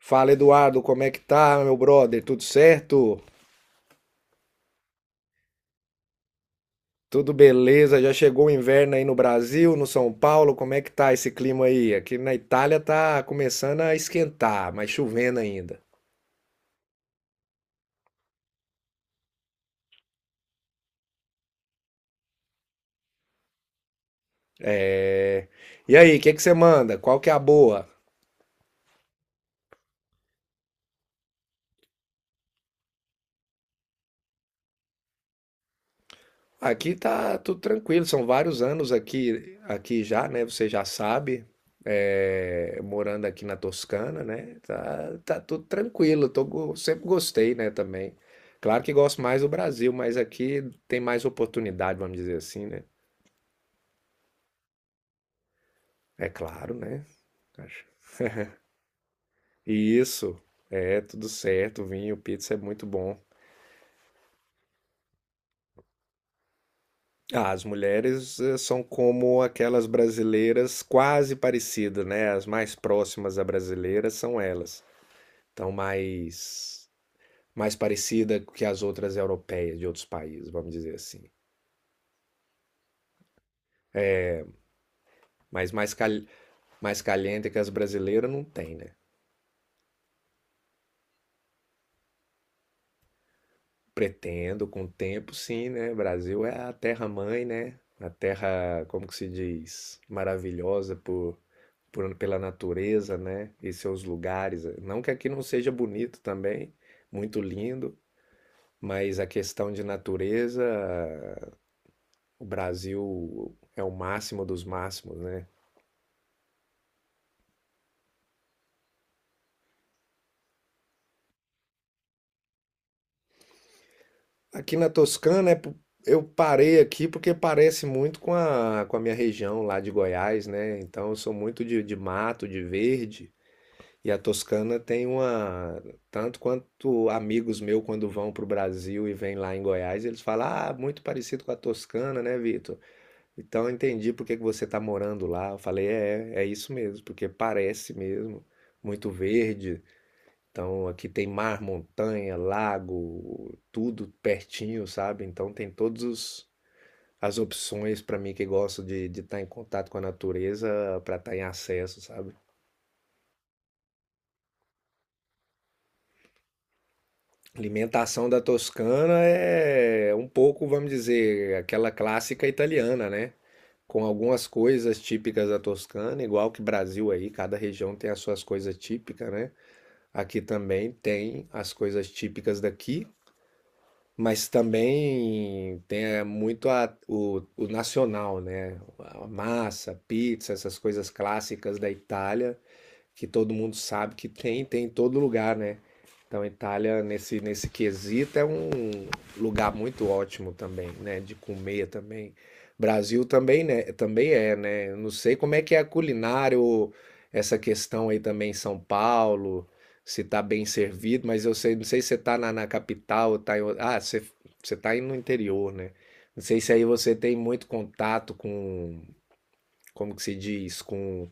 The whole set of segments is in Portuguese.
Fala, Eduardo, como é que tá, meu brother? Tudo certo? Tudo beleza? Já chegou o inverno aí no Brasil, no São Paulo? Como é que tá esse clima aí? Aqui na Itália tá começando a esquentar, mas chovendo ainda. É... E aí, o que é que você manda? Qual que é a boa? Aqui tá tudo tranquilo, são vários anos aqui, aqui já, né? Você já sabe, morando aqui na Toscana, né? Tá, tá tudo tranquilo, tô, sempre gostei, né, também. Claro que gosto mais do Brasil, mas aqui tem mais oportunidade, vamos dizer assim, né? É claro, né? Acho. E isso, é tudo certo, vinho, pizza é muito bom. Ah, as mulheres são como aquelas brasileiras quase parecidas, né? As mais próximas a brasileiras são elas. Então, mais parecida que as outras europeias de outros países, vamos dizer assim. Mas mais, cal, mais caliente que as brasileiras não tem, né? Pretendo, com o tempo, sim, né? Brasil é a terra-mãe, né? A terra, como que se diz? Maravilhosa pela natureza, né? E seus lugares. Não que aqui não seja bonito também, muito lindo, mas a questão de natureza, o Brasil é o máximo dos máximos, né? Aqui na Toscana, eu parei aqui porque parece muito com a minha região lá de Goiás, né? Então eu sou muito de mato, de verde. E a Toscana tem uma. Tanto quanto amigos meus, quando vão para o Brasil e vêm lá em Goiás, eles falam: Ah, muito parecido com a Toscana, né, Vitor? Então eu entendi por que que você está morando lá. Eu falei: É, é isso mesmo, porque parece mesmo. Muito verde, então aqui tem mar, montanha, lago, tudo pertinho, sabe? Então tem todos os as opções para mim que gosto de estar em contato com a natureza para estar em acesso, sabe? Alimentação da Toscana é um pouco, vamos dizer, aquela clássica italiana, né? Com algumas coisas típicas da Toscana, igual que Brasil aí, cada região tem as suas coisas típicas, né? Aqui também tem as coisas típicas daqui, mas também tem é, muito a- o nacional, né? A massa, pizza, essas coisas clássicas da Itália que todo mundo sabe que tem em todo lugar, né? Então, a Itália, nesse quesito, é um lugar muito ótimo também, né? De comer também. Brasil também, né? Também é, né? Eu não sei como é que é a culinária, ou essa questão aí também em São Paulo, se tá bem servido, mas eu sei, não sei se você tá na capital, ou tá em, você, você tá aí no interior, né? Não sei se aí você tem muito contato com, como que se diz,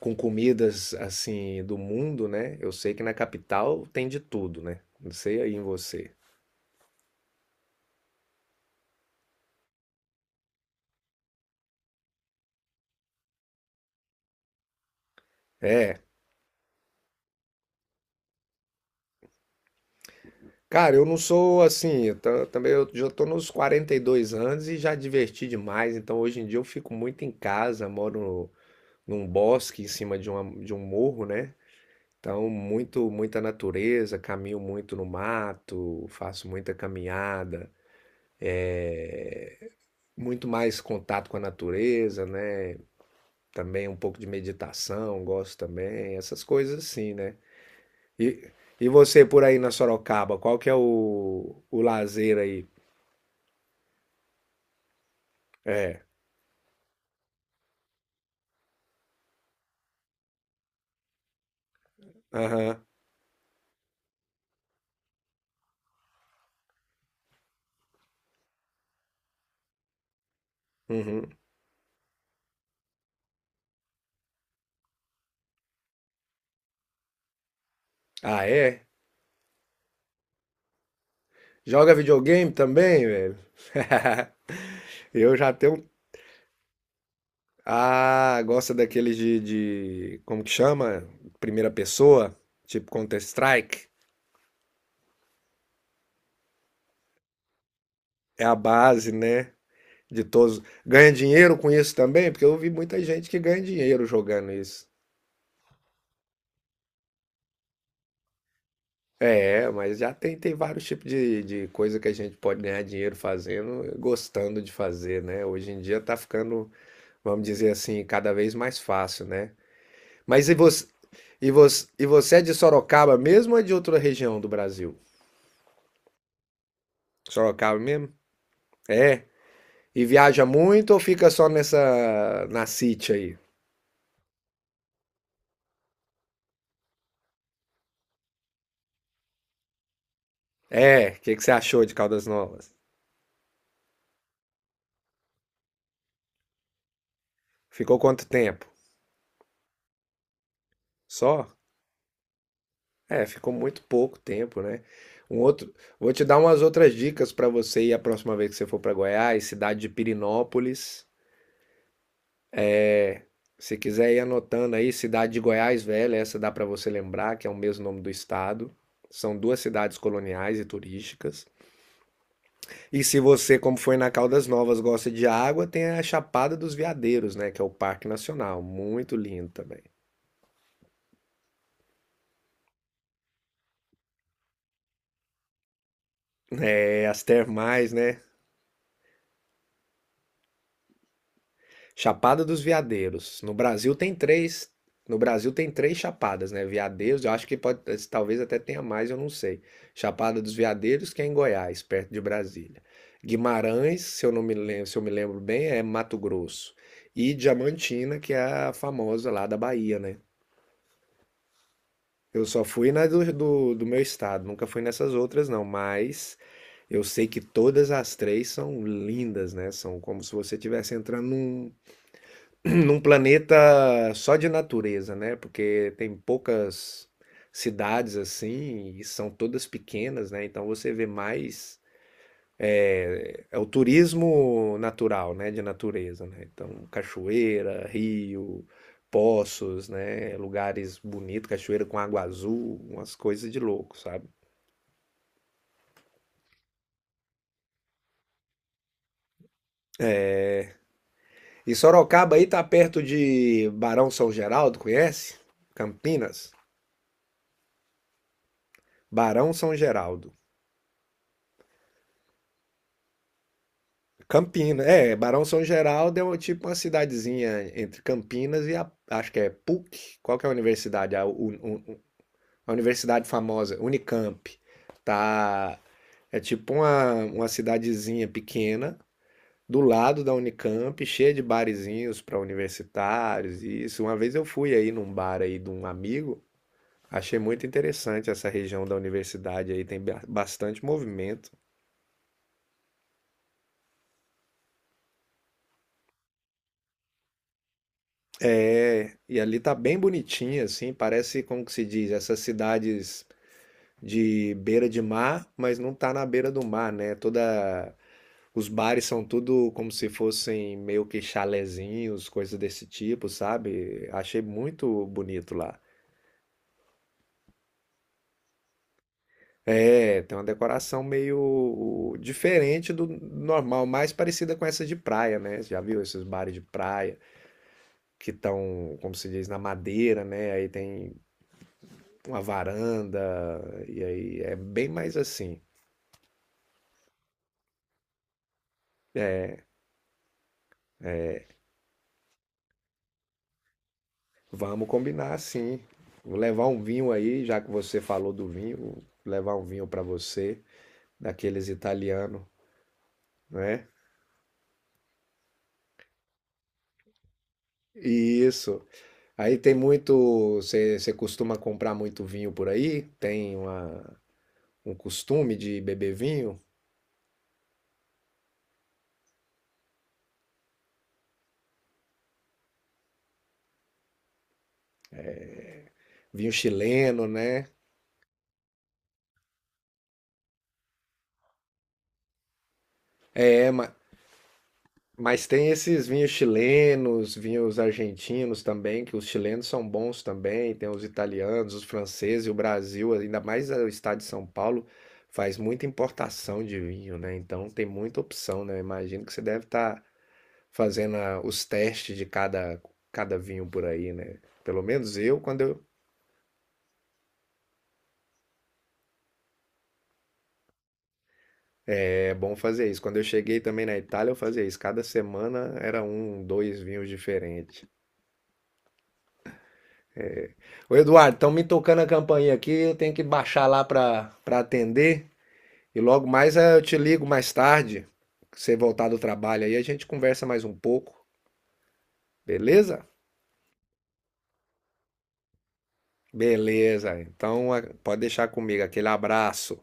com comidas assim do mundo, né? Eu sei que na capital tem de tudo, né? Não sei aí em você. É. Cara, eu não sou assim, também eu já tô nos 42 anos e já diverti demais, então hoje em dia eu fico muito em casa, moro num bosque em cima de de um morro, né? Então, muita natureza, caminho muito no mato, faço muita caminhada, é, muito mais contato com a natureza, né? Também um pouco de meditação, gosto também, essas coisas assim, né? E, e você por aí na Sorocaba, qual que é o lazer aí? É, aham, uhum. Ah, é? Joga videogame também, velho? Eu já tenho. Ah, gosta daqueles de. Como que chama? Primeira pessoa? Tipo Counter-Strike? É a base, né? De todos. Ganha dinheiro com isso também? Porque eu vi muita gente que ganha dinheiro jogando isso. É, mas já tem vários tipos de coisa que a gente pode ganhar dinheiro fazendo, gostando de fazer, né? Hoje em dia tá ficando, vamos dizer assim, cada vez mais fácil, né? Mas e você, e você é de Sorocaba mesmo ou é de outra região do Brasil? Sorocaba mesmo? É. E viaja muito ou fica só nessa, na City aí? É, o que que você achou de Caldas Novas? Ficou quanto tempo? Só? É, ficou muito pouco tempo, né? Um outro, vou te dar umas outras dicas para você ir a próxima vez que você for para Goiás, cidade de Pirinópolis. Se quiser ir anotando aí, cidade de Goiás Velha, essa dá para você lembrar, que é o mesmo nome do estado. São duas cidades coloniais e turísticas. E se você, como foi na Caldas Novas, gosta de água, tem a Chapada dos Veadeiros, né, que é o Parque Nacional, muito lindo também. É, as termais, né? Chapada dos Veadeiros. No Brasil tem três. No Brasil tem três chapadas, né? Veadeiros, eu acho que pode, talvez até tenha mais, eu não sei. Chapada dos Veadeiros, que é em Goiás, perto de Brasília. Guimarães, se eu não me lembro, se eu me lembro bem, é Mato Grosso. E Diamantina, que é a famosa lá da Bahia, né? Eu só fui na do meu estado, nunca fui nessas outras, não, mas eu sei que todas as três são lindas, né? São como se você estivesse entrando num, num planeta só de natureza, né? Porque tem poucas cidades assim e são todas pequenas, né? Então você vê mais é o turismo natural, né? De natureza, né? Então cachoeira, rio, poços, né? Lugares bonitos, cachoeira com água azul, umas coisas de louco, sabe? E Sorocaba aí tá perto de Barão São Geraldo, conhece? Campinas, Barão São Geraldo. Campinas, é, Barão São Geraldo é tipo uma cidadezinha entre Campinas e a, acho que é PUC, qual que é a universidade? A universidade famosa, Unicamp, tá, é tipo uma cidadezinha pequena, do lado da Unicamp, cheia de barezinhos para universitários, e isso, uma vez eu fui aí num bar aí de um amigo, achei muito interessante essa região da universidade aí, tem bastante movimento. É, e ali tá bem bonitinha, assim, parece, como que se diz, essas cidades de beira de mar, mas não tá na beira do mar, né? Toda, os bares são tudo como se fossem meio que chalezinhos, coisas desse tipo, sabe? Achei muito bonito lá. É, tem uma decoração meio diferente do normal, mais parecida com essa de praia, né? Você já viu esses bares de praia que estão, como se diz, na madeira, né? Aí tem uma varanda, e aí é bem mais assim. Vamos combinar assim. Vou levar um vinho aí, já que você falou do vinho, vou levar um vinho para você, daqueles italiano, né? Isso. Aí tem muito, você costuma comprar muito vinho por aí? Tem uma, um costume de beber vinho? Vinho chileno, né? Mas tem esses vinhos chilenos, vinhos argentinos também, que os chilenos são bons também, tem os italianos, os franceses, e o Brasil, ainda mais o estado de São Paulo, faz muita importação de vinho, né? Então tem muita opção, né? Eu imagino que você deve estar fazendo os testes de cada vinho por aí, né? Pelo menos eu, quando eu... É bom fazer isso. Quando eu cheguei também na Itália, eu fazia isso. Cada semana era um, dois vinhos diferentes. Ô Eduardo, estão me tocando a campainha aqui, eu tenho que baixar lá para atender e logo mais eu te ligo mais tarde, que você voltar do trabalho aí, a gente conversa mais um pouco, beleza? Beleza, então pode deixar comigo, aquele abraço.